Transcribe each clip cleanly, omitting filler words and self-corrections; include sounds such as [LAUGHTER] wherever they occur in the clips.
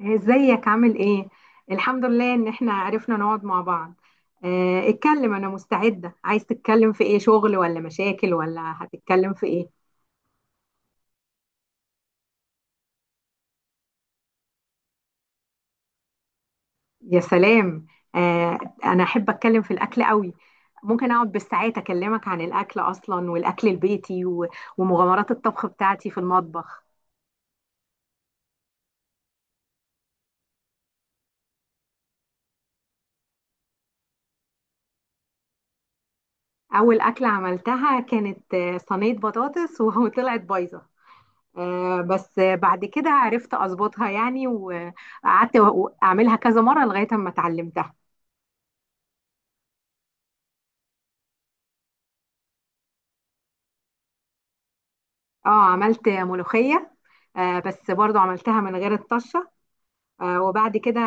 إيه، ازيك عامل ايه؟ الحمد لله ان احنا عرفنا نقعد مع بعض. اه، اتكلم انا مستعدة، عايز تتكلم في ايه، شغل ولا مشاكل ولا هتتكلم في ايه؟ يا سلام. اه، انا احب اتكلم في الاكل قوي. ممكن اقعد بالساعات اكلمك عن الاكل اصلا والاكل البيتي ومغامرات الطبخ بتاعتي في المطبخ. اول اكلة عملتها كانت صينية بطاطس [LAUGHS] وطلعت بايظة. بس بعد كده عرفت اظبطها يعني، وقعدت اعملها كذا مره لغايه اما اتعلمتها. اه، عملت ملوخيه، بس برضو عملتها من غير الطشه. وبعد كده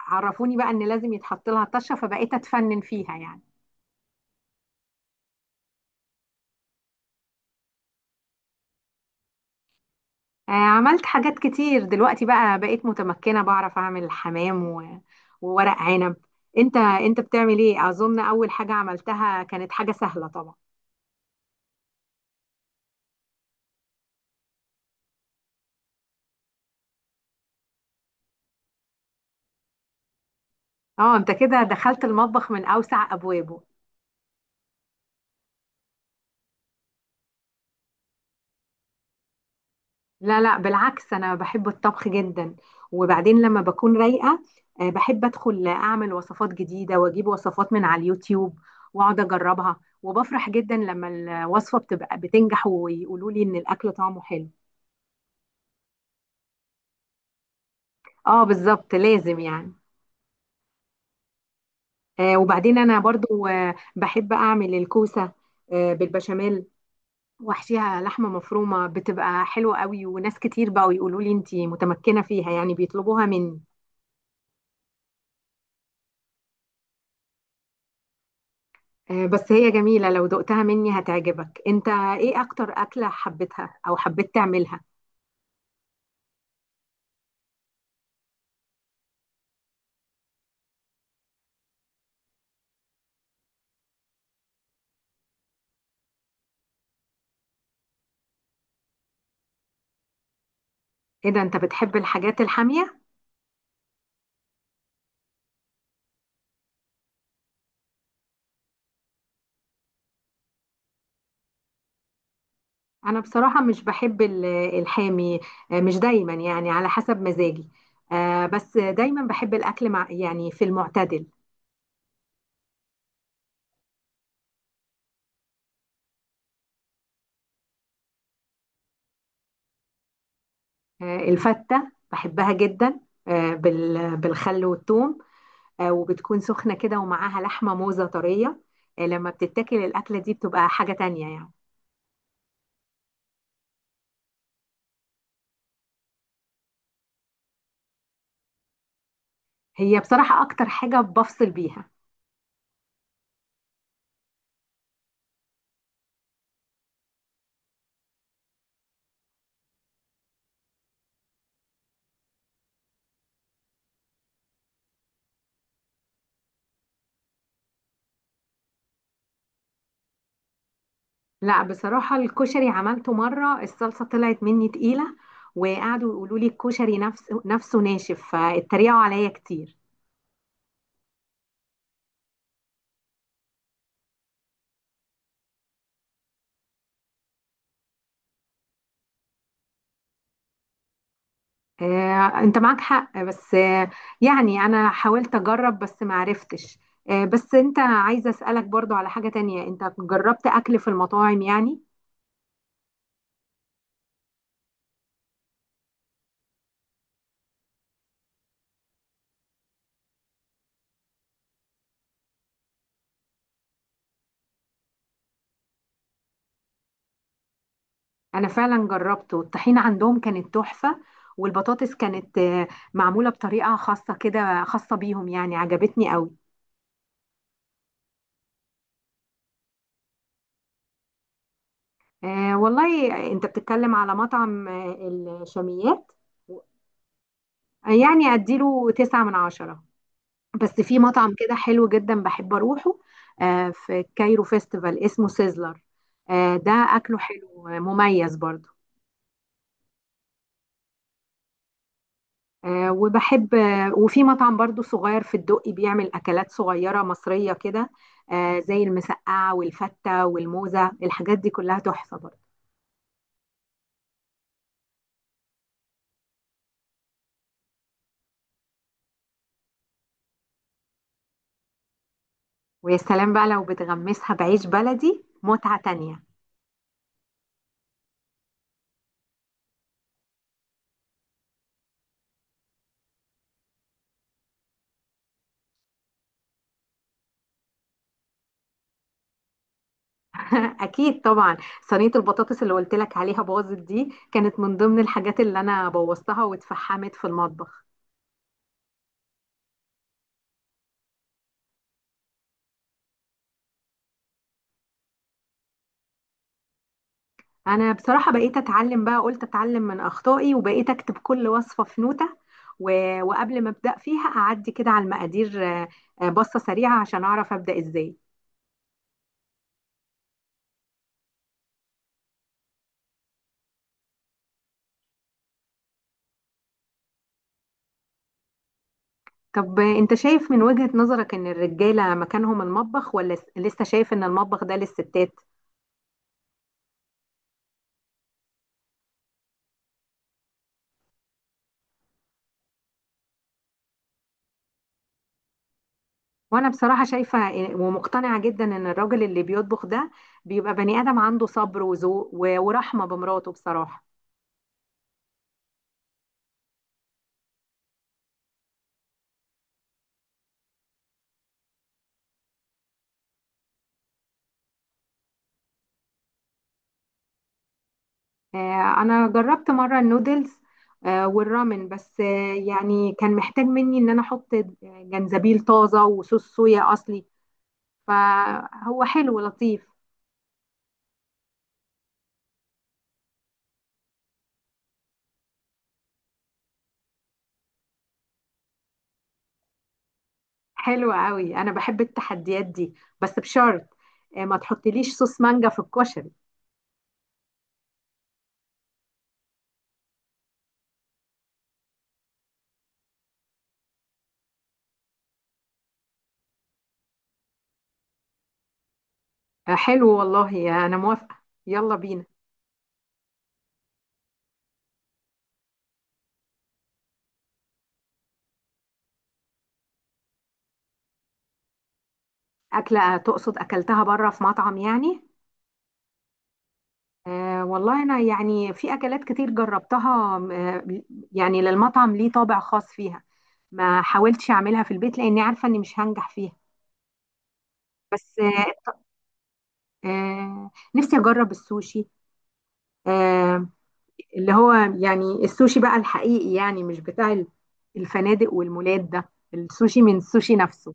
عرفوني بقى ان لازم يتحط لها طشه، فبقيت اتفنن فيها يعني. عملت حاجات كتير، دلوقتي بقى بقيت متمكنه، بعرف اعمل حمام وورق عنب. انت بتعمل ايه؟ اظن اول حاجه عملتها كانت حاجه سهله طبعا. اه، انت كده دخلت المطبخ من اوسع ابوابه. لا لا، بالعكس انا بحب الطبخ جدا، وبعدين لما بكون رايقه بحب ادخل اعمل وصفات جديده، واجيب وصفات من على اليوتيوب واقعد اجربها، وبفرح جدا لما الوصفه بتبقى بتنجح ويقولوا لي ان الاكل طعمه حلو. اه بالظبط، لازم يعني. وبعدين انا برضو بحب اعمل الكوسه بالبشاميل، واحشيها لحمه مفرومه، بتبقى حلوه قوي وناس كتير بقوا يقولوا لي انتي متمكنه فيها يعني، بيطلبوها مني. بس هي جميلة، لو دقتها مني هتعجبك. انت ايه اكتر اكلة حبيتها او حبيت تعملها؟ ايه ده، انت بتحب الحاجات الحامية؟ انا بصراحة مش بحب [HESITATION] الحامي، مش دايما يعني، على حسب مزاجي، بس دايما بحب الاكل مع يعني في المعتدل. الفتة بحبها جدا، بالخل والثوم، وبتكون سخنة كده ومعاها لحمة موزة طرية. لما بتتاكل الاكلة دي بتبقى حاجة تانية يعني. هي بصراحة اكتر حاجة بفصل بيها. لا بصراحة، الكشري عملته مرة، الصلصة طلعت مني تقيلة وقعدوا يقولوا لي الكشري نفسه ناشف، فاتريقوا عليا كتير. انت معاك حق، بس يعني انا حاولت اجرب بس ما عرفتش. بس انت، عايزة اسألك برضو على حاجة تانية، انت جربت اكل في المطاعم يعني؟ انا فعلا جربته، الطحينة عندهم كانت تحفة، والبطاطس كانت معمولة بطريقة خاصة كده، خاصة بيهم يعني، عجبتني قوي. والله انت بتتكلم على مطعم الشاميات. يعني اديله تسعة من عشرة. بس في مطعم كده حلو جدا بحب اروحه، في كايرو فيستيفال اسمه سيزلر، ده اكله حلو، مميز برضو. آه وبحب آه وفي مطعم برضو صغير في الدقي بيعمل اكلات صغيرة مصرية كده، زي المسقعة والفتة والموزة، الحاجات دي كلها تحفة برضو. ويا سلام بقى لو بتغمسها بعيش بلدي، متعة تانية. اكيد طبعا، صينيه البطاطس اللي قلت لك عليها باظت دي كانت من ضمن الحاجات اللي انا بوظتها واتفحمت في المطبخ. انا بصراحه بقيت اتعلم بقى، قلت اتعلم من اخطائي وبقيت اكتب كل وصفه في نوته، و... وقبل ما ابدا فيها اعدي كده على المقادير، بصه سريعه عشان اعرف ابدا ازاي. طب انت شايف من وجهه نظرك ان الرجاله مكانهم المطبخ ولا لسه شايف ان المطبخ ده للستات؟ وانا بصراحة شايفة ومقتنعة جدا ان الراجل اللي بيطبخ ده بيبقى بني ادم عنده صبر وذوق ورحمة بمراته بصراحة. انا جربت مرة النودلز والرامن، بس يعني كان محتاج مني ان انا احط جنزبيل طازة وصوص صويا اصلي، فهو حلو لطيف. حلو قوي، انا بحب التحديات دي، بس بشرط ما تحطليش صوص مانجا في الكشري. حلو والله، انا موافقة، يلا بينا. أكلة تقصد أكلتها بره في مطعم يعني؟ والله أنا يعني في أكلات كتير جربتها، يعني للمطعم ليه طابع خاص فيها، ما حاولتش أعملها في البيت لأني عارفة إني مش هنجح فيها. بس نفسي أجرب السوشي، آه اللي هو يعني السوشي بقى الحقيقي، يعني مش بتاع الفنادق والمولات ده، السوشي من السوشي نفسه.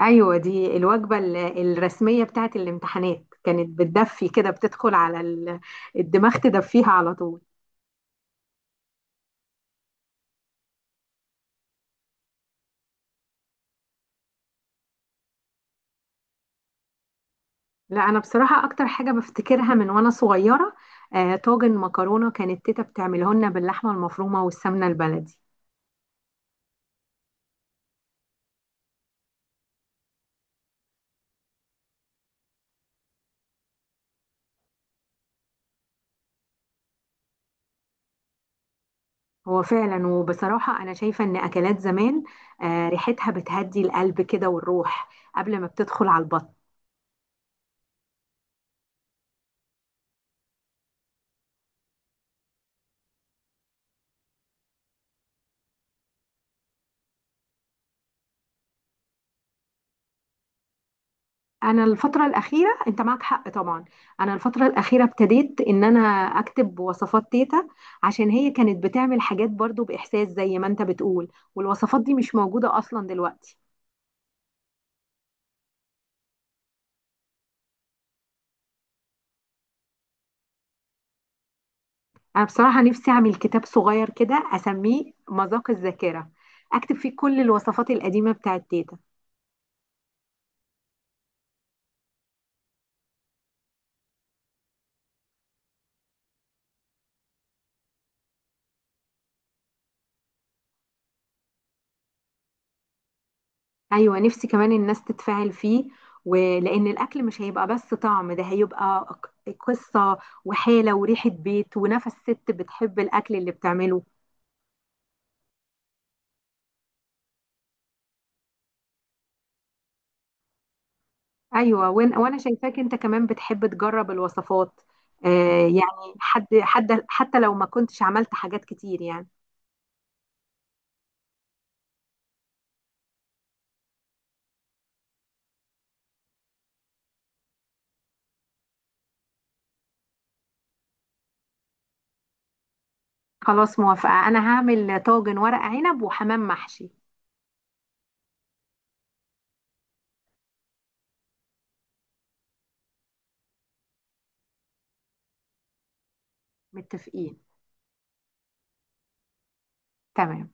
ايوه دي الوجبه الرسميه بتاعت الامتحانات، كانت بتدفي كده، بتدخل على الدماغ، تدفيها على طول. لا انا بصراحه اكتر حاجه بفتكرها من وانا صغيره، طاجن مكرونه، كانت تيتا بتعمله لنا باللحمه المفرومه والسمنه البلدي. هو فعلا، وبصراحه انا شايفه ان اكلات زمان ريحتها بتهدي القلب كده والروح قبل ما بتدخل على البطن. انا الفتره الاخيره، انت معك حق طبعا، انا الفتره الاخيره ابتديت ان انا اكتب وصفات تيتا عشان هي كانت بتعمل حاجات برضو باحساس زي ما انت بتقول، والوصفات دي مش موجوده اصلا دلوقتي. انا بصراحه نفسي اعمل كتاب صغير كده اسميه مذاق الذاكره، اكتب فيه كل الوصفات القديمه بتاعت تيتا. ايوه نفسي كمان الناس تتفاعل فيه، ولان الاكل مش هيبقى بس طعم، ده هيبقى قصه وحاله وريحه بيت ونفس ست بتحب الاكل اللي بتعمله. ايوه وانا شايفاك انت كمان بتحب تجرب الوصفات، يعني حد حتى لو ما كنتش عملت حاجات كتير يعني. خلاص موافقة، انا هعمل طاجن ورق عنب وحمام محشي. متفقين. تمام.